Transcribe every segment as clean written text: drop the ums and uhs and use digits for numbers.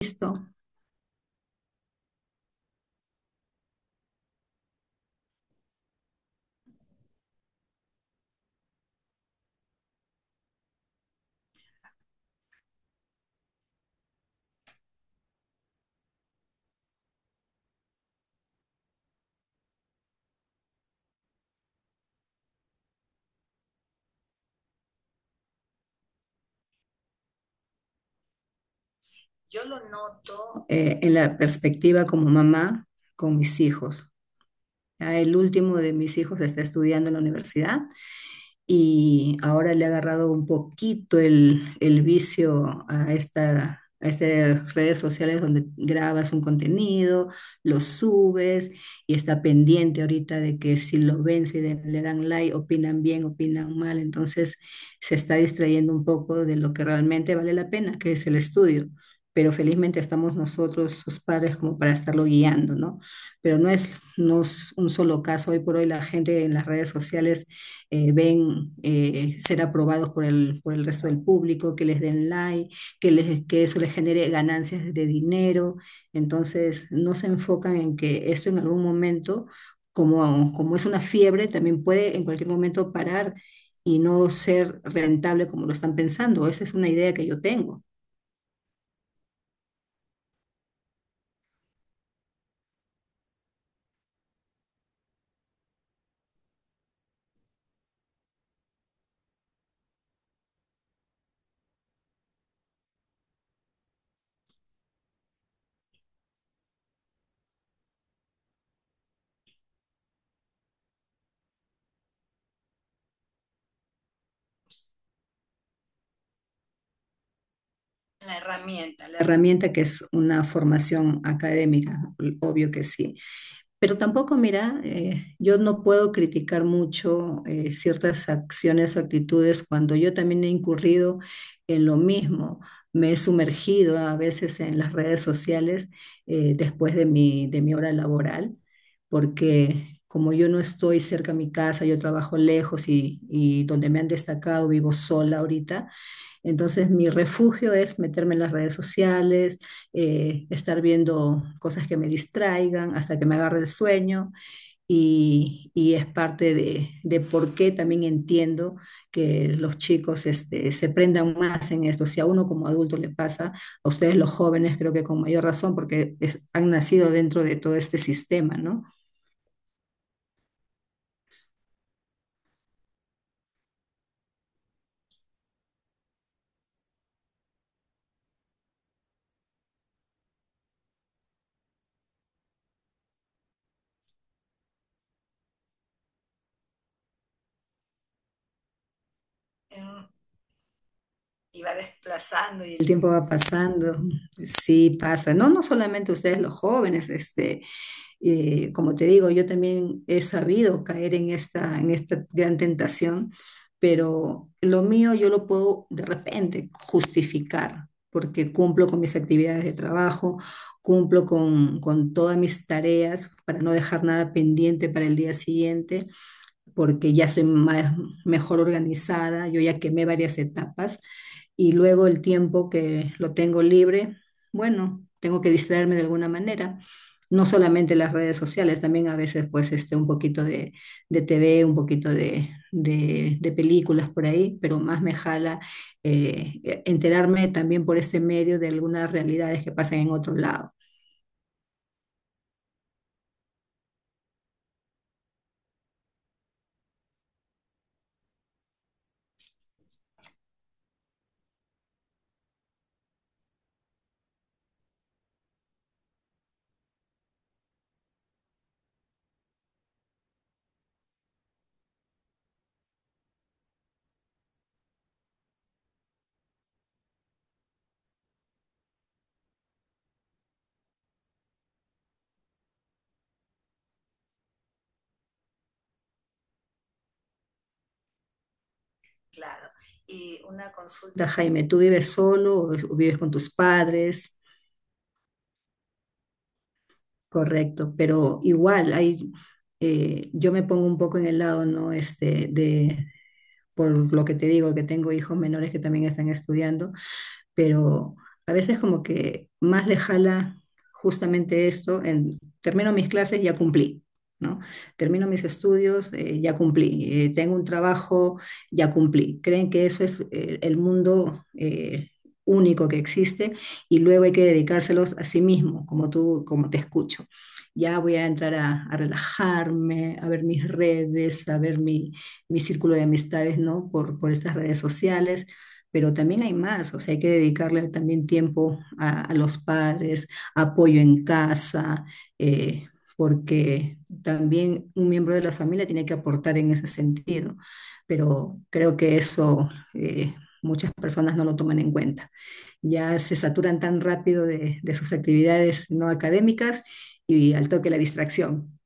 Visto. En la perspectiva como mamá con mis hijos. Ya el último de mis hijos está estudiando en la universidad y ahora le ha agarrado un poquito el vicio a esta, a estas redes sociales donde grabas un contenido, lo subes y está pendiente ahorita de que si lo ven, si le dan like, opinan bien, opinan mal, entonces se está distrayendo un poco de lo que realmente vale la pena, que es el estudio. Pero felizmente estamos nosotros, sus padres, como para estarlo guiando, ¿no? Pero no es, no es un solo caso. Hoy por hoy la gente en las redes sociales ven ser aprobados por el resto del público, que les den like, que, les, que eso les genere ganancias de dinero. Entonces, no se enfocan en que esto en algún momento, como, como es una fiebre, también puede en cualquier momento parar y no ser rentable como lo están pensando. Esa es una idea que yo tengo. La herramienta que es una formación académica, obvio que sí. Pero tampoco, mira, yo no puedo criticar mucho ciertas acciones o actitudes cuando yo también he incurrido en lo mismo. Me he sumergido a veces en las redes sociales después de mi hora laboral, porque como yo no estoy cerca a mi casa, yo trabajo lejos y donde me han destacado vivo sola ahorita, entonces mi refugio es meterme en las redes sociales, estar viendo cosas que me distraigan hasta que me agarre el sueño y es parte de por qué también entiendo que los chicos este, se prendan más en esto. Si a uno como adulto le pasa, a ustedes los jóvenes creo que con mayor razón porque han nacido dentro de todo este sistema, ¿no? El tiempo va pasando, sí pasa, no, no solamente ustedes los jóvenes, este, como te digo, yo también he sabido caer en esta gran tentación, pero lo mío yo lo puedo de repente justificar porque cumplo con mis actividades de trabajo, cumplo con todas mis tareas para no dejar nada pendiente para el día siguiente porque ya soy más, mejor organizada, yo ya quemé varias etapas y luego el tiempo que lo tengo libre, bueno, tengo que distraerme de alguna manera. No solamente las redes sociales, también a veces pues este, un poquito de TV, un poquito de, de películas por ahí, pero más me jala enterarme también por este medio de algunas realidades que pasan en otro lado. Y una consulta, Jaime, ¿tú vives solo o vives con tus padres? Correcto, pero igual hay, yo me pongo un poco en el lado, ¿no? Este, de, por lo que te digo, que tengo hijos menores que también están estudiando, pero a veces como que más le jala justamente esto, en, termino mis clases, ya cumplí, ¿no? Termino mis estudios, ya cumplí, tengo un trabajo, ya cumplí. Creen que eso es el mundo único que existe y luego hay que dedicárselos a sí mismo, como tú, como te escucho. Ya voy a entrar a relajarme, a ver mis redes, a ver mi, mi círculo de amistades, ¿no? Por estas redes sociales, pero también hay más, o sea, hay que dedicarle también tiempo a los padres, apoyo en casa, eh, porque también un miembro de la familia tiene que aportar en ese sentido, pero creo que eso eh, muchas personas no lo toman en cuenta. Ya se saturan tan rápido de sus actividades no académicas y al toque la distracción.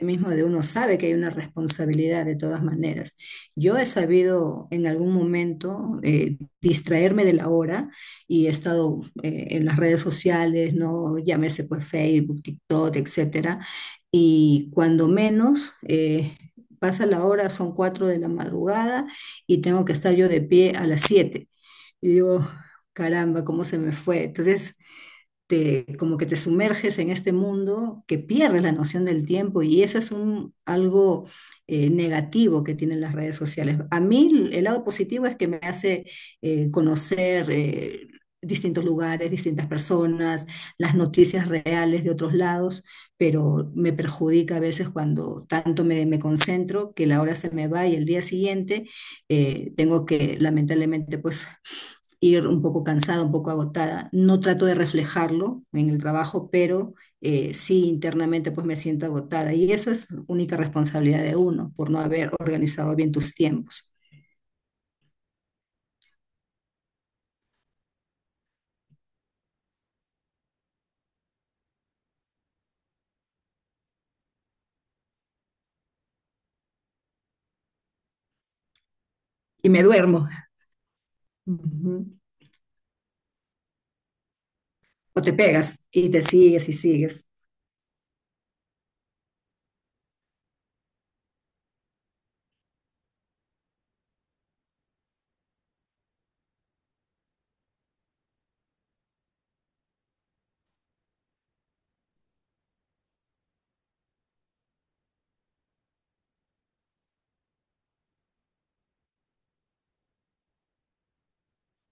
Mismo de uno sabe que hay una responsabilidad de todas maneras. Yo he sabido en algún momento distraerme de la hora y he estado en las redes sociales, ¿no? Llámese pues Facebook, TikTok, etcétera. Y cuando menos pasa la hora, son cuatro de la madrugada y tengo que estar yo de pie a las siete. Y digo, "Oh, caramba, cómo se me fue." Entonces, te, como que te sumerges en este mundo que pierdes la noción del tiempo y eso es un, algo negativo que tienen las redes sociales. A mí el lado positivo es que me hace conocer distintos lugares, distintas personas, las noticias reales de otros lados, pero me perjudica a veces cuando tanto me, me concentro que la hora se me va y el día siguiente tengo que lamentablemente pues ir un poco cansada, un poco agotada. No trato de reflejarlo en el trabajo, pero sí internamente pues me siento agotada y eso es única responsabilidad de uno por no haber organizado bien tus tiempos. Y me duermo. Ujú. O te pegas y te sigues y sigues.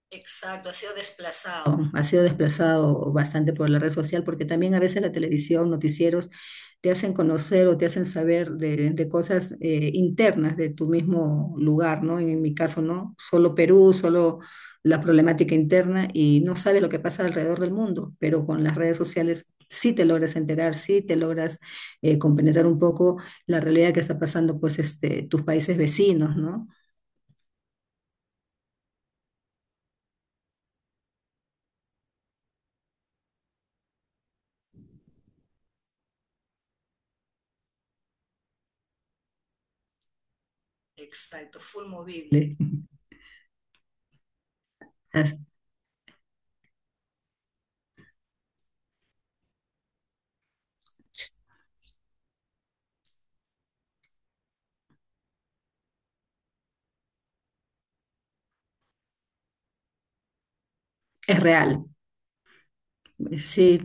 Exacto, ha sido desplazado. Ha sido desplazado bastante por la red social porque también a veces la televisión, noticieros te hacen conocer o te hacen saber de cosas internas de tu mismo lugar, ¿no? En, mi caso, ¿no? Solo Perú, solo la problemática interna y no sabe lo que pasa alrededor del mundo, pero con las redes sociales sí te logras enterar, sí te logras compenetrar un poco la realidad que está pasando, pues, este, tus países vecinos, ¿no? Es, es real. Sí,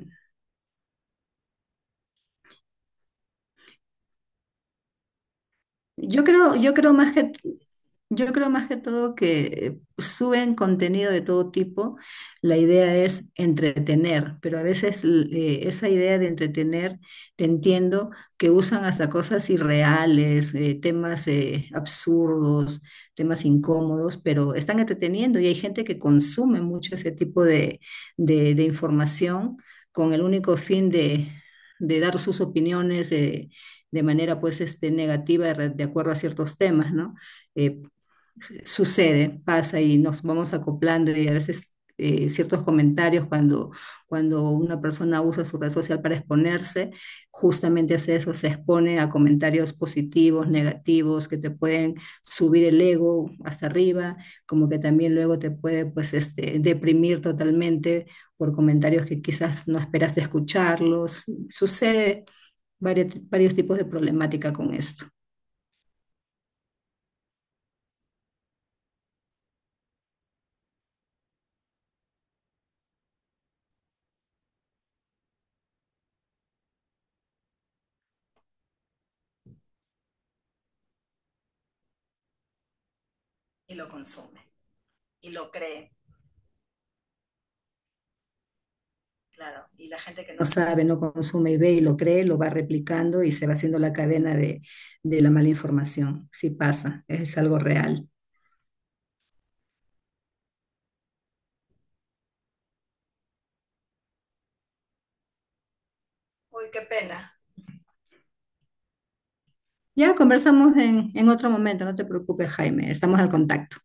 Yo creo, yo creo más que, yo creo más que todo que suben contenido de todo tipo. La idea es entretener, pero a veces esa idea de entretener, te entiendo que usan hasta cosas irreales, temas absurdos, temas incómodos, pero están entreteniendo y hay gente que consume mucho ese tipo de, de información con el único fin de dar sus opiniones de manera pues este, negativa de, acuerdo a ciertos temas, ¿no? Eh, sucede, pasa y nos vamos acoplando y a veces ciertos comentarios cuando, cuando una persona usa su red social para exponerse, justamente hace eso, se expone a comentarios positivos, negativos, que te pueden subir el ego hasta arriba, como que también luego te puede pues, este, deprimir totalmente por comentarios que quizás no esperaste escucharlos. Sucede varios, varios tipos de problemática con esto. No sabe, no consume y ve y lo cree, lo va replicando y se va haciendo la cadena de la mala información. Sí pasa, es algo real. Ya conversamos en otro momento, no te preocupes, Jaime, estamos al contacto.